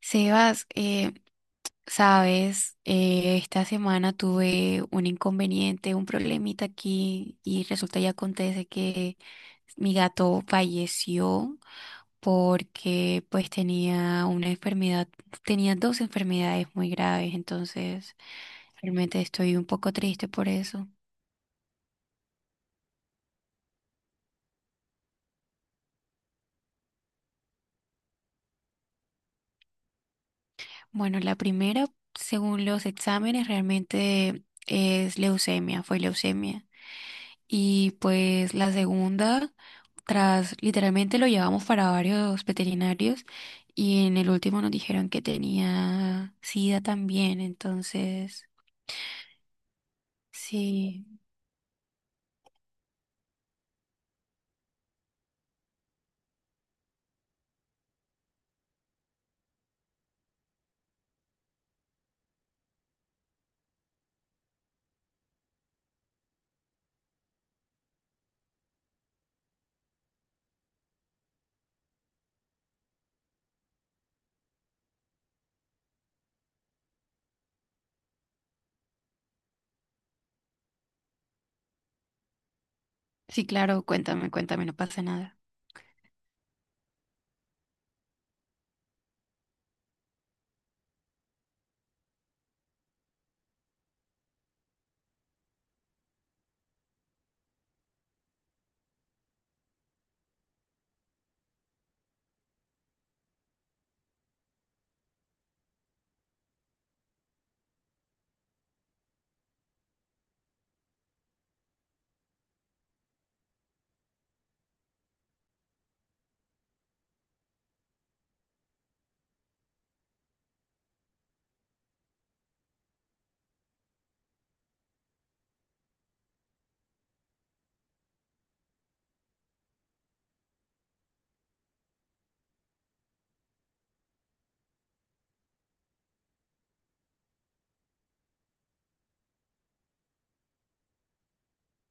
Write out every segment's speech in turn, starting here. Sebas, sabes, esta semana tuve un inconveniente, un problemita aquí y resulta y acontece que mi gato falleció porque pues tenía una enfermedad, tenía dos enfermedades muy graves, entonces realmente estoy un poco triste por eso. Bueno, la primera, según los exámenes, realmente es leucemia, fue leucemia. Y pues la segunda... Tras, literalmente lo llevamos para varios veterinarios y en el último nos dijeron que tenía sida también. Entonces, sí, sí, claro, cuéntame, cuéntame, no pasa nada.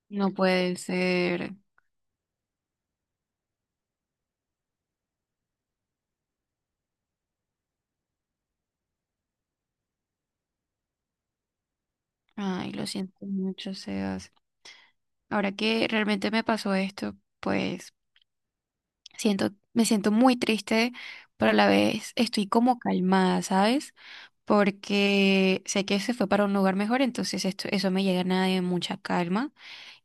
No puede ser. Ay, lo siento mucho, Sebas. Ahora que realmente me pasó esto, pues siento, me siento muy triste, pero a la vez estoy como calmada, ¿sabes? Porque sé que se fue para un lugar mejor, entonces esto, eso me llena de mucha calma.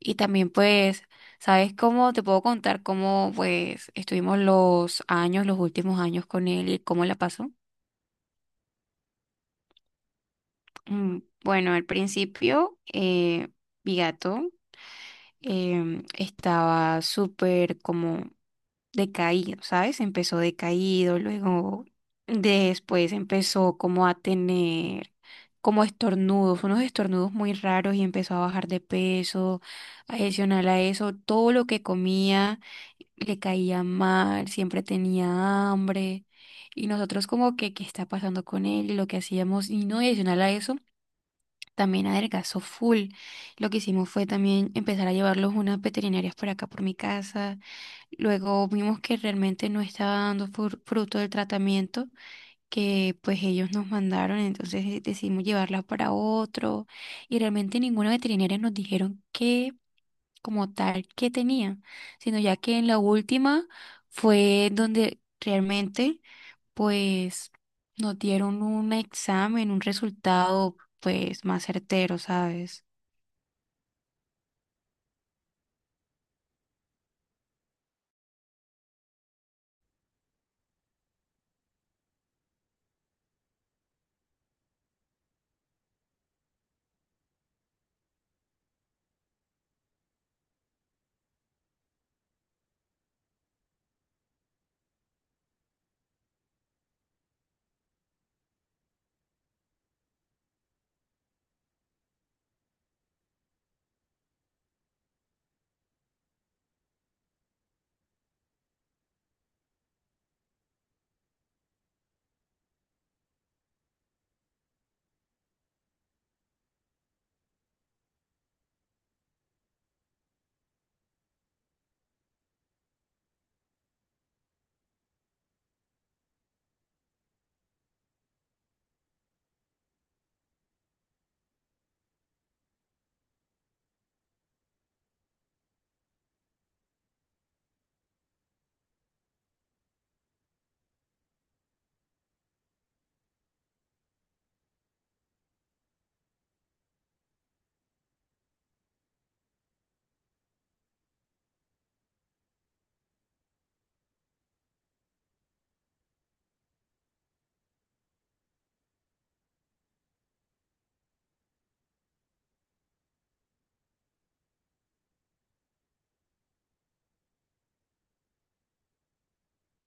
Y también pues, ¿sabes cómo te puedo contar cómo pues estuvimos los años, los últimos años con él y cómo la pasó? Mm, bueno, al principio, mi gato estaba súper como decaído, ¿sabes? Empezó decaído, luego después empezó como a tener como estornudos, unos estornudos muy raros y empezó a bajar de peso. Adicional a eso, todo lo que comía le caía mal, siempre tenía hambre. Y nosotros como que, ¿qué está pasando con él? Y lo que hacíamos, y no, y adicional a eso, también adelgazó full. Lo que hicimos fue también empezar a llevarlos unas veterinarias por acá por mi casa. Luego vimos que realmente no estaba dando fruto del tratamiento que pues ellos nos mandaron, entonces decidimos llevarla para otro y realmente ninguna veterinaria nos dijeron qué, como tal qué tenía, sino ya que en la última fue donde realmente pues nos dieron un examen, un resultado pues más certero, ¿sabes?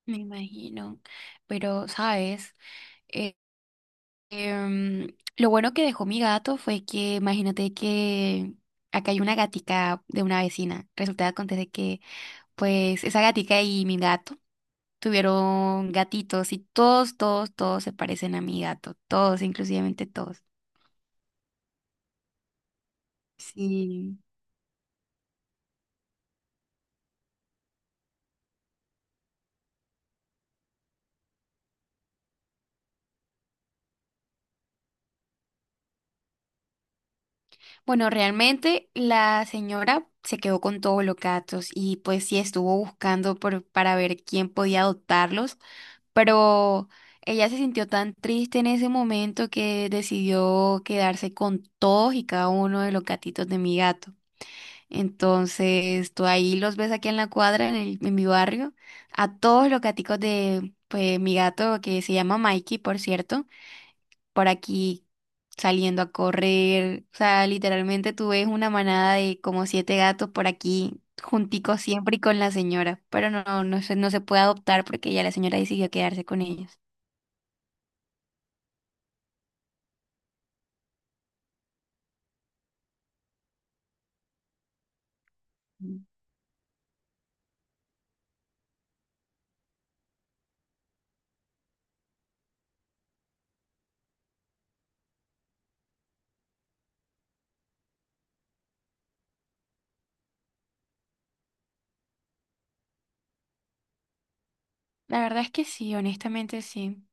Me imagino, pero ¿sabes? Em, lo bueno que dejó mi gato fue que, imagínate que acá hay una gatica de una vecina. Resulta que acontece que, pues, esa gatica y mi gato tuvieron gatitos y todos, todos, todos se parecen a mi gato. Todos, inclusivamente todos. Sí. Bueno, realmente la señora se quedó con todos los gatos y pues sí estuvo buscando por, para ver quién podía adoptarlos. Pero ella se sintió tan triste en ese momento que decidió quedarse con todos y cada uno de los gatitos de mi gato. Entonces, tú ahí los ves aquí en la cuadra, en mi barrio, a todos los gaticos de pues, mi gato que se llama Mikey, por cierto, por aquí saliendo a correr. O sea, literalmente tú ves una manada de como siete gatos por aquí, junticos siempre y con la señora, pero no, no se, no se puede adoptar porque ya la señora decidió quedarse con ellos. Mm. La verdad es que sí, honestamente sí.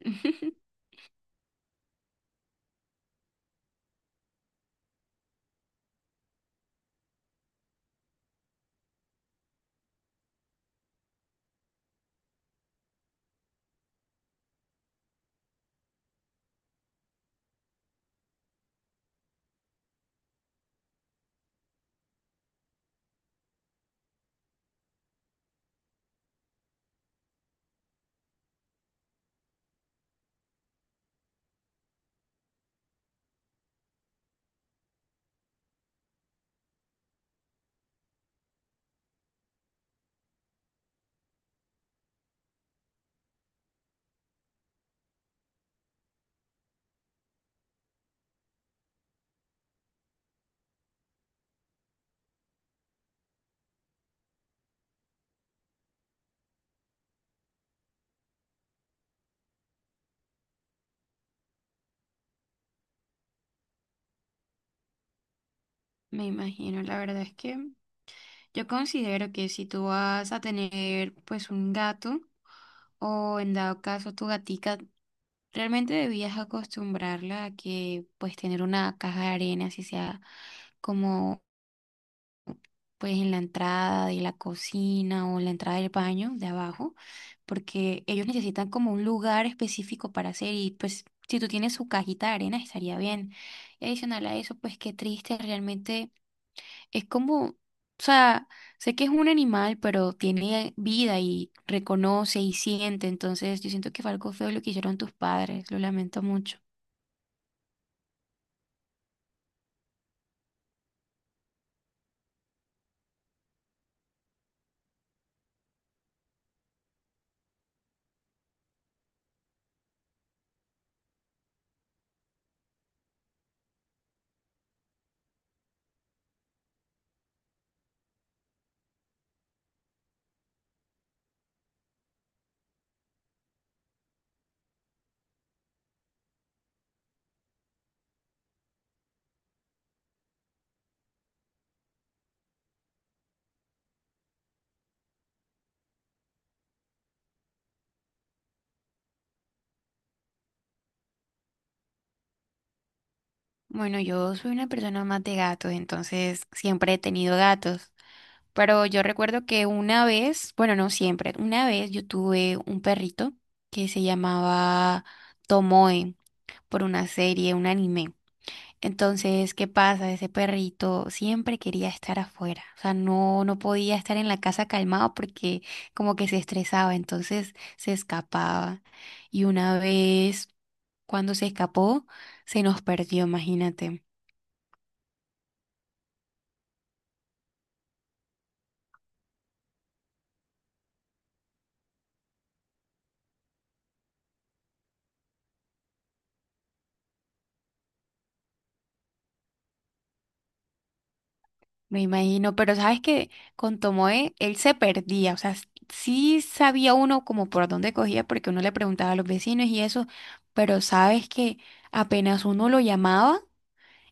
Me imagino, la verdad es que yo considero que si tú vas a tener pues un gato o en dado caso tu gatica, realmente debías acostumbrarla a que pues tener una caja de arena, así sea. Como pues en la entrada de la cocina o la entrada del baño de abajo, porque ellos necesitan como un lugar específico para hacer y pues si tú tienes su cajita de arena estaría bien. Y adicional a eso, pues qué triste, realmente es como, o sea, sé que es un animal, pero tiene vida y reconoce y siente, entonces yo siento que fue algo feo lo que hicieron tus padres, lo lamento mucho. Bueno, yo soy una persona más de gatos, entonces siempre he tenido gatos. Pero yo recuerdo que una vez, bueno, no siempre, una vez yo tuve un perrito que se llamaba Tomoe, por una serie, un anime. Entonces, ¿qué pasa? Ese perrito siempre quería estar afuera. O sea, no, no podía estar en la casa calmado porque como que se estresaba, entonces se escapaba. Y una vez, cuando se escapó, se nos perdió, imagínate. Me imagino, pero sabes que con Tomoe él se perdía, o sea, sí sabía uno como por dónde cogía porque uno le preguntaba a los vecinos y eso, pero sabes que apenas uno lo llamaba,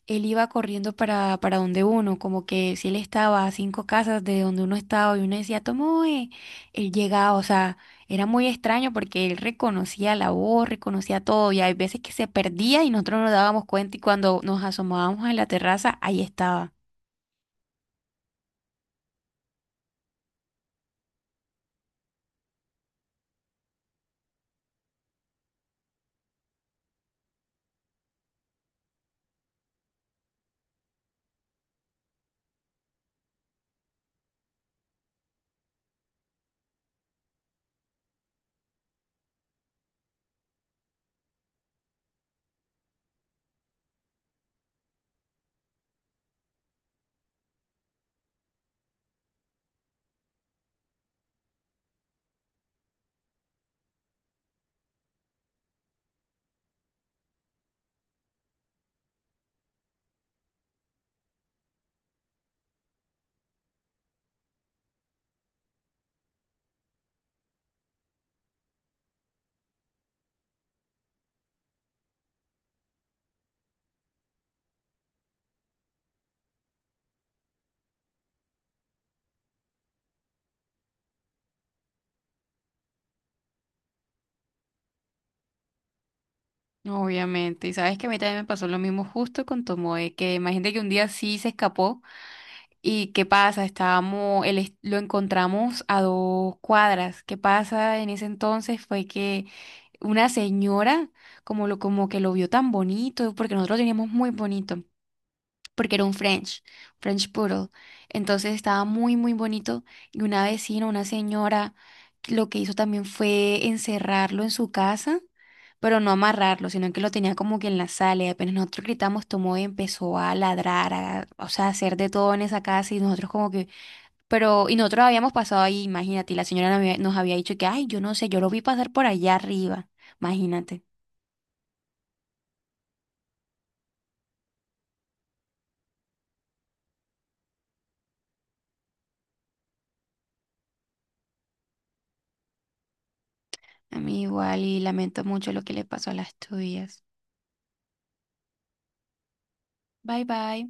él iba corriendo para donde uno, como que si él estaba a 5 casas de donde uno estaba y uno decía Tomoe, él llegaba, o sea, era muy extraño porque él reconocía la voz, reconocía todo y hay veces que se perdía y nosotros no nos dábamos cuenta y cuando nos asomábamos a la terraza, ahí estaba. Obviamente, y sabes que a mí también me pasó lo mismo justo con Tomoe, que imagínate que un día sí se escapó y ¿qué pasa? Estábamos, lo encontramos a dos cuadras. ¿Qué pasa en ese entonces? Fue que una señora como lo como que lo vio tan bonito, porque nosotros lo teníamos muy bonito porque era un French, French Poodle. Entonces estaba muy, muy bonito. Y una vecina, una señora, lo que hizo también fue encerrarlo en su casa, pero no amarrarlo, sino que lo tenía como que en la sala. Y apenas nosotros gritamos, tomó y empezó a ladrar, a, o sea, a hacer de todo en esa casa. Y nosotros como que, pero, y nosotros habíamos pasado ahí, imagínate, y la señora nos había dicho que, ay, yo no sé, yo lo vi pasar por allá arriba. Imagínate. A mí igual y lamento mucho lo que le pasó a las tuyas. Bye bye.